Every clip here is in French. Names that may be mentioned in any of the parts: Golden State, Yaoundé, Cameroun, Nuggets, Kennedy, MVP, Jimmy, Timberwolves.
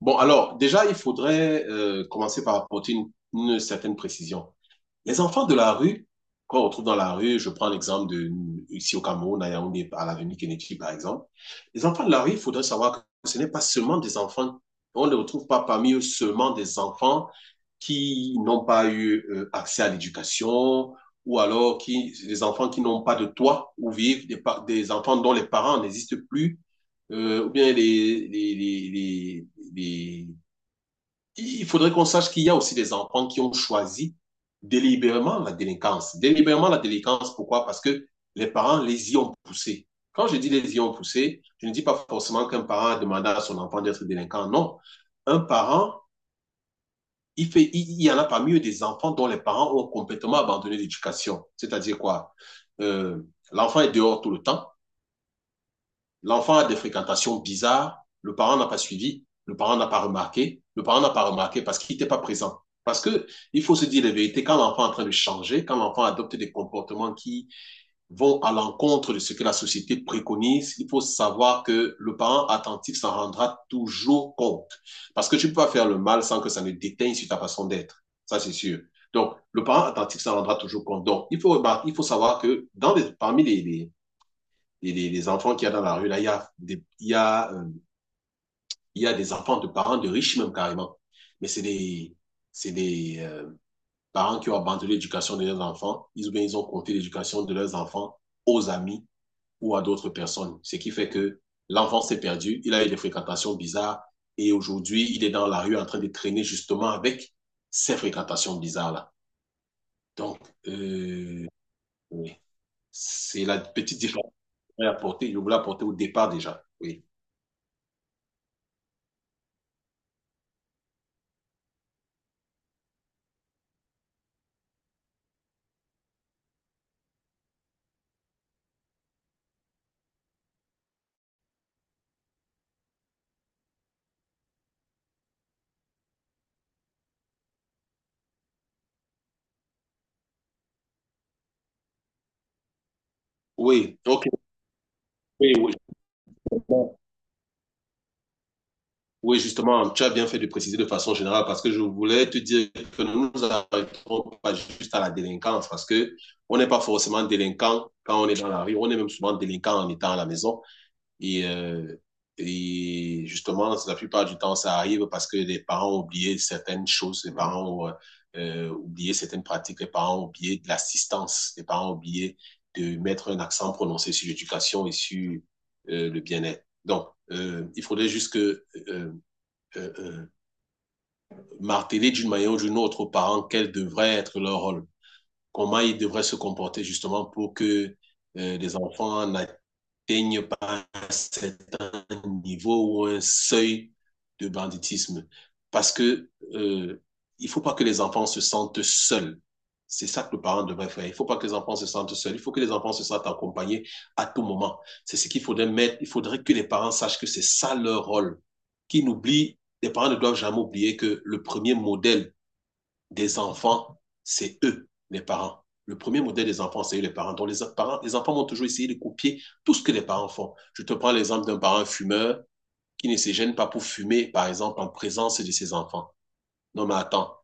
Bon, alors, déjà, il faudrait commencer par apporter une certaine précision. Les enfants de la rue, qu'on retrouve dans la rue, je prends l'exemple de ici au Cameroun, à Yaoundé, à l'avenue Kennedy, par exemple. Les enfants de la rue, il faudrait savoir que ce n'est pas seulement des enfants, on ne retrouve pas parmi eux seulement des enfants qui n'ont pas eu accès à l'éducation ou alors qui, des enfants qui n'ont pas de toit où vivre, des enfants dont les parents n'existent plus, ou bien les, il faudrait qu'on sache qu'il y a aussi des enfants qui ont choisi délibérément la délinquance. Délibérément la délinquance, pourquoi? Parce que les parents les y ont poussés. Quand je dis les y ont poussés, je ne dis pas forcément qu'un parent a demandé à son enfant d'être délinquant. Non. Un parent, il, fait, il, y en a parmi eux des enfants dont les parents ont complètement abandonné l'éducation. C'est-à-dire quoi? euh, L'enfant est dehors tout le temps. L'enfant a des fréquentations bizarres, le parent n'a pas suivi, le parent n'a pas remarqué, le parent n'a pas remarqué parce qu'il n'était pas présent. Parce que il faut se dire la vérité, quand l'enfant est en train de changer, quand l'enfant adopte des comportements qui vont à l'encontre de ce que la société préconise, il faut savoir que le parent attentif s'en rendra toujours compte. Parce que tu peux pas faire le mal sans que ça ne déteigne sur ta façon d'être. Ça, c'est sûr. Donc, le parent attentif s'en rendra toujours compte. Donc, il faut, remarquer, il faut savoir que dans les, parmi les, les enfants qu'il y a dans la rue, là, il y a des, il y a des enfants de parents de riches même carrément. Mais c'est des parents qui ont abandonné l'éducation de leurs enfants. Ils, bien, ils ont compté l'éducation de leurs enfants aux amis ou à d'autres personnes. Ce qui fait que l'enfant s'est perdu, il a eu des fréquentations bizarres et aujourd'hui, il est dans la rue en train de traîner justement avec ces fréquentations bizarres-là. Donc, euh, oui, c'est la petite différence que je voulais apporter au départ déjà. Oui. Oui, ok. Oui, oui, justement. Oui, justement, tu as bien fait de préciser de façon générale parce que je voulais te dire que nous ne nous arrêtons pas juste à la délinquance parce que on n'est pas forcément délinquant quand on est dans la rue, on est même souvent délinquant en étant à la maison. Et, euh, et justement, la plupart du temps, ça arrive parce que les parents ont oublié certaines choses, les parents ont oublié certaines pratiques, les parents ont oublié de l'assistance, les parents ont oublié de mettre un accent prononcé sur l'éducation et sur le bien-être. Donc, il faudrait juste que euh, euh, marteler d'une manière ou d'une autre aux parents quel devrait être leur rôle, comment ils devraient se comporter justement pour que les enfants n'atteignent pas cette niveau ou un seuil de banditisme. Parce que il faut pas que les enfants se sentent seuls. C'est ça que le parent devrait faire. Il faut pas que les enfants se sentent seuls. Il faut que les enfants se sentent accompagnés à tout moment. C'est ce qu'il faudrait mettre. Il faudrait que les parents sachent que c'est ça leur rôle. Qu'ils n'oublient, les parents ne doivent jamais oublier que le premier modèle des enfants, c'est eux, les parents. Le premier modèle des enfants, c'est eux, les parents. Donc, les parents, les enfants vont toujours essayer de copier tout ce que les parents font. Je te prends l'exemple d'un parent fumeur qui ne se gêne pas pour fumer, par exemple, en présence de ses enfants. Non, mais attends,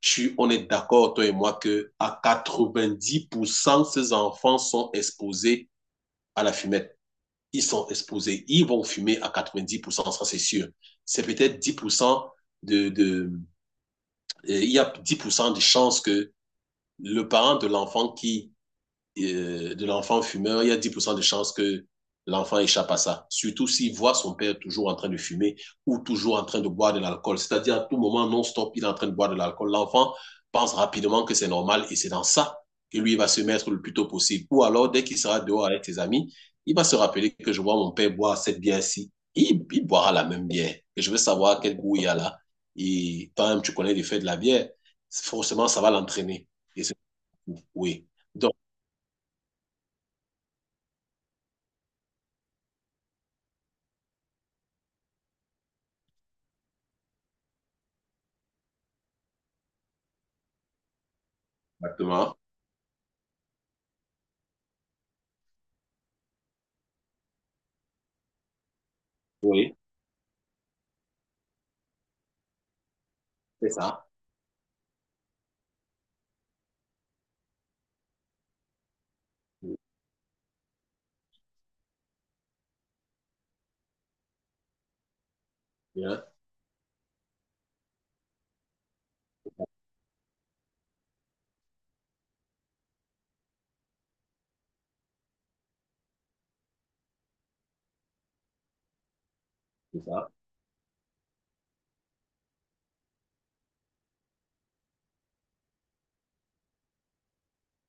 tu, on est d'accord, toi et moi, que à 90%, ces enfants sont exposés à la fumette. Ils sont exposés, ils vont fumer à 90%, ça c'est sûr. C'est peut-être 10% de, il y a 10% de chances que le parent de l'enfant qui de l'enfant fumeur, il y a 10% de chances que l'enfant échappe à ça. Surtout s'il voit son père toujours en train de fumer ou toujours en train de boire de l'alcool. C'est-à-dire, à tout moment, non-stop, il est en train de boire de l'alcool. L'enfant pense rapidement que c'est normal et c'est dans ça que lui va se mettre le plus tôt possible. Ou alors, dès qu'il sera dehors avec ses amis, il va se rappeler que je vois mon père boire cette bière-ci. Il, boira la même bière. Et je veux savoir quel goût il y a là. Et toi-même, tu connais l'effet de la bière. Forcément, ça va l'entraîner. Et c'est oui. Donc, exactement. Oui, c'est ça. Bien, c'est ça.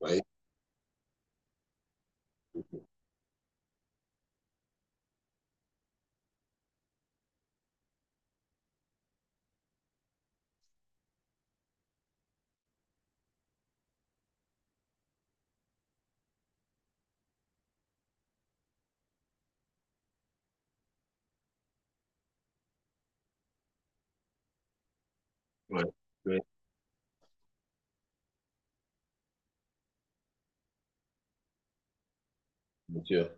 Oui, oui, oui, bien sûr.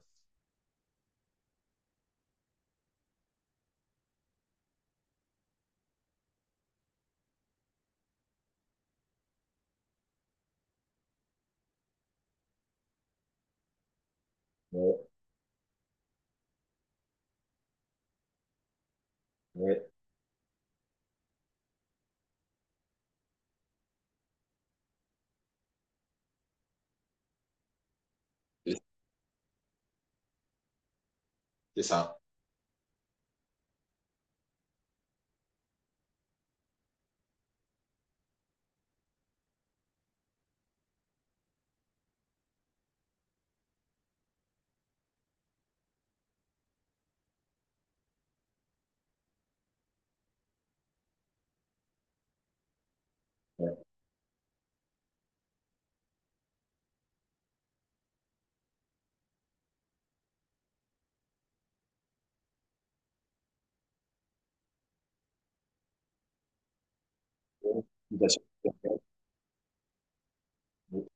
Oui, oui, c'est c'est ça. Oui, l'utilisation du Internet, oui.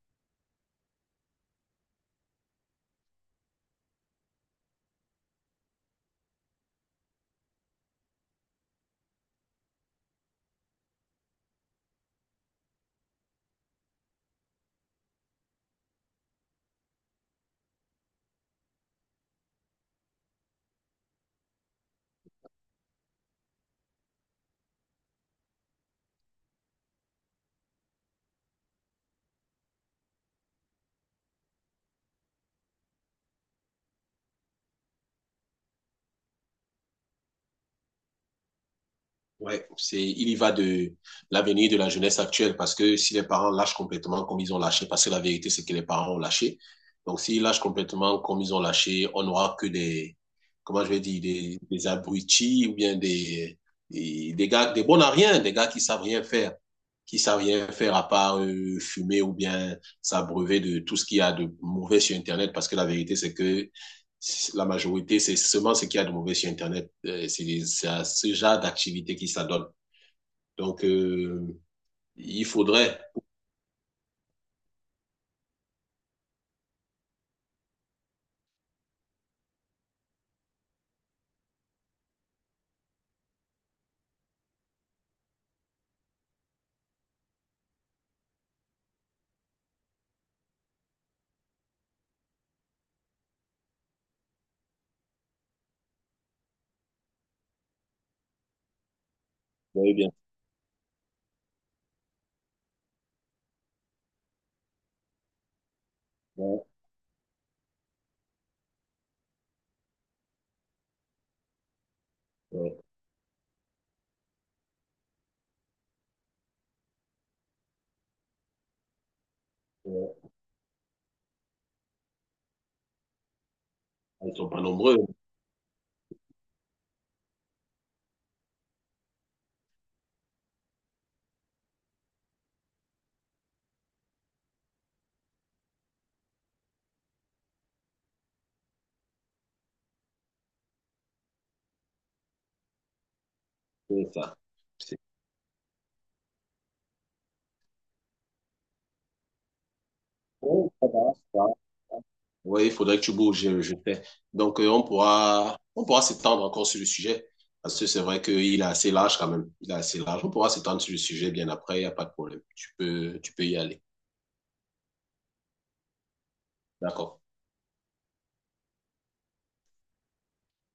Ouais, c'est, il y va de l'avenir de la jeunesse actuelle parce que si les parents lâchent complètement comme ils ont lâché, parce que la vérité, c'est que les parents ont lâché. Donc, s'ils lâchent complètement comme ils ont lâché, on n'aura que des, comment je vais dire, des abrutis ou bien des gars, des bons à rien, des gars qui savent rien faire, qui savent rien faire à part fumer ou bien s'abreuver de tout ce qu'il y a de mauvais sur Internet, parce que la vérité, c'est que la majorité, c'est seulement ce qu'il y a de mauvais sur Internet. C'est à ce genre d'activité qui s'adonne. Donc, il faudrait. Oui, bien sûr. Ouais, ouais, sont pas nombreux, c'est ça. C'est- bon, ça va, ça va. Oui, il faudrait que tu bouges, je sais. Donc, on pourra s'étendre encore sur le sujet, parce que c'est vrai qu'il est assez large quand même. Il est assez large. On pourra s'étendre sur le sujet bien après, il n'y a pas de problème. Tu peux y aller. D'accord.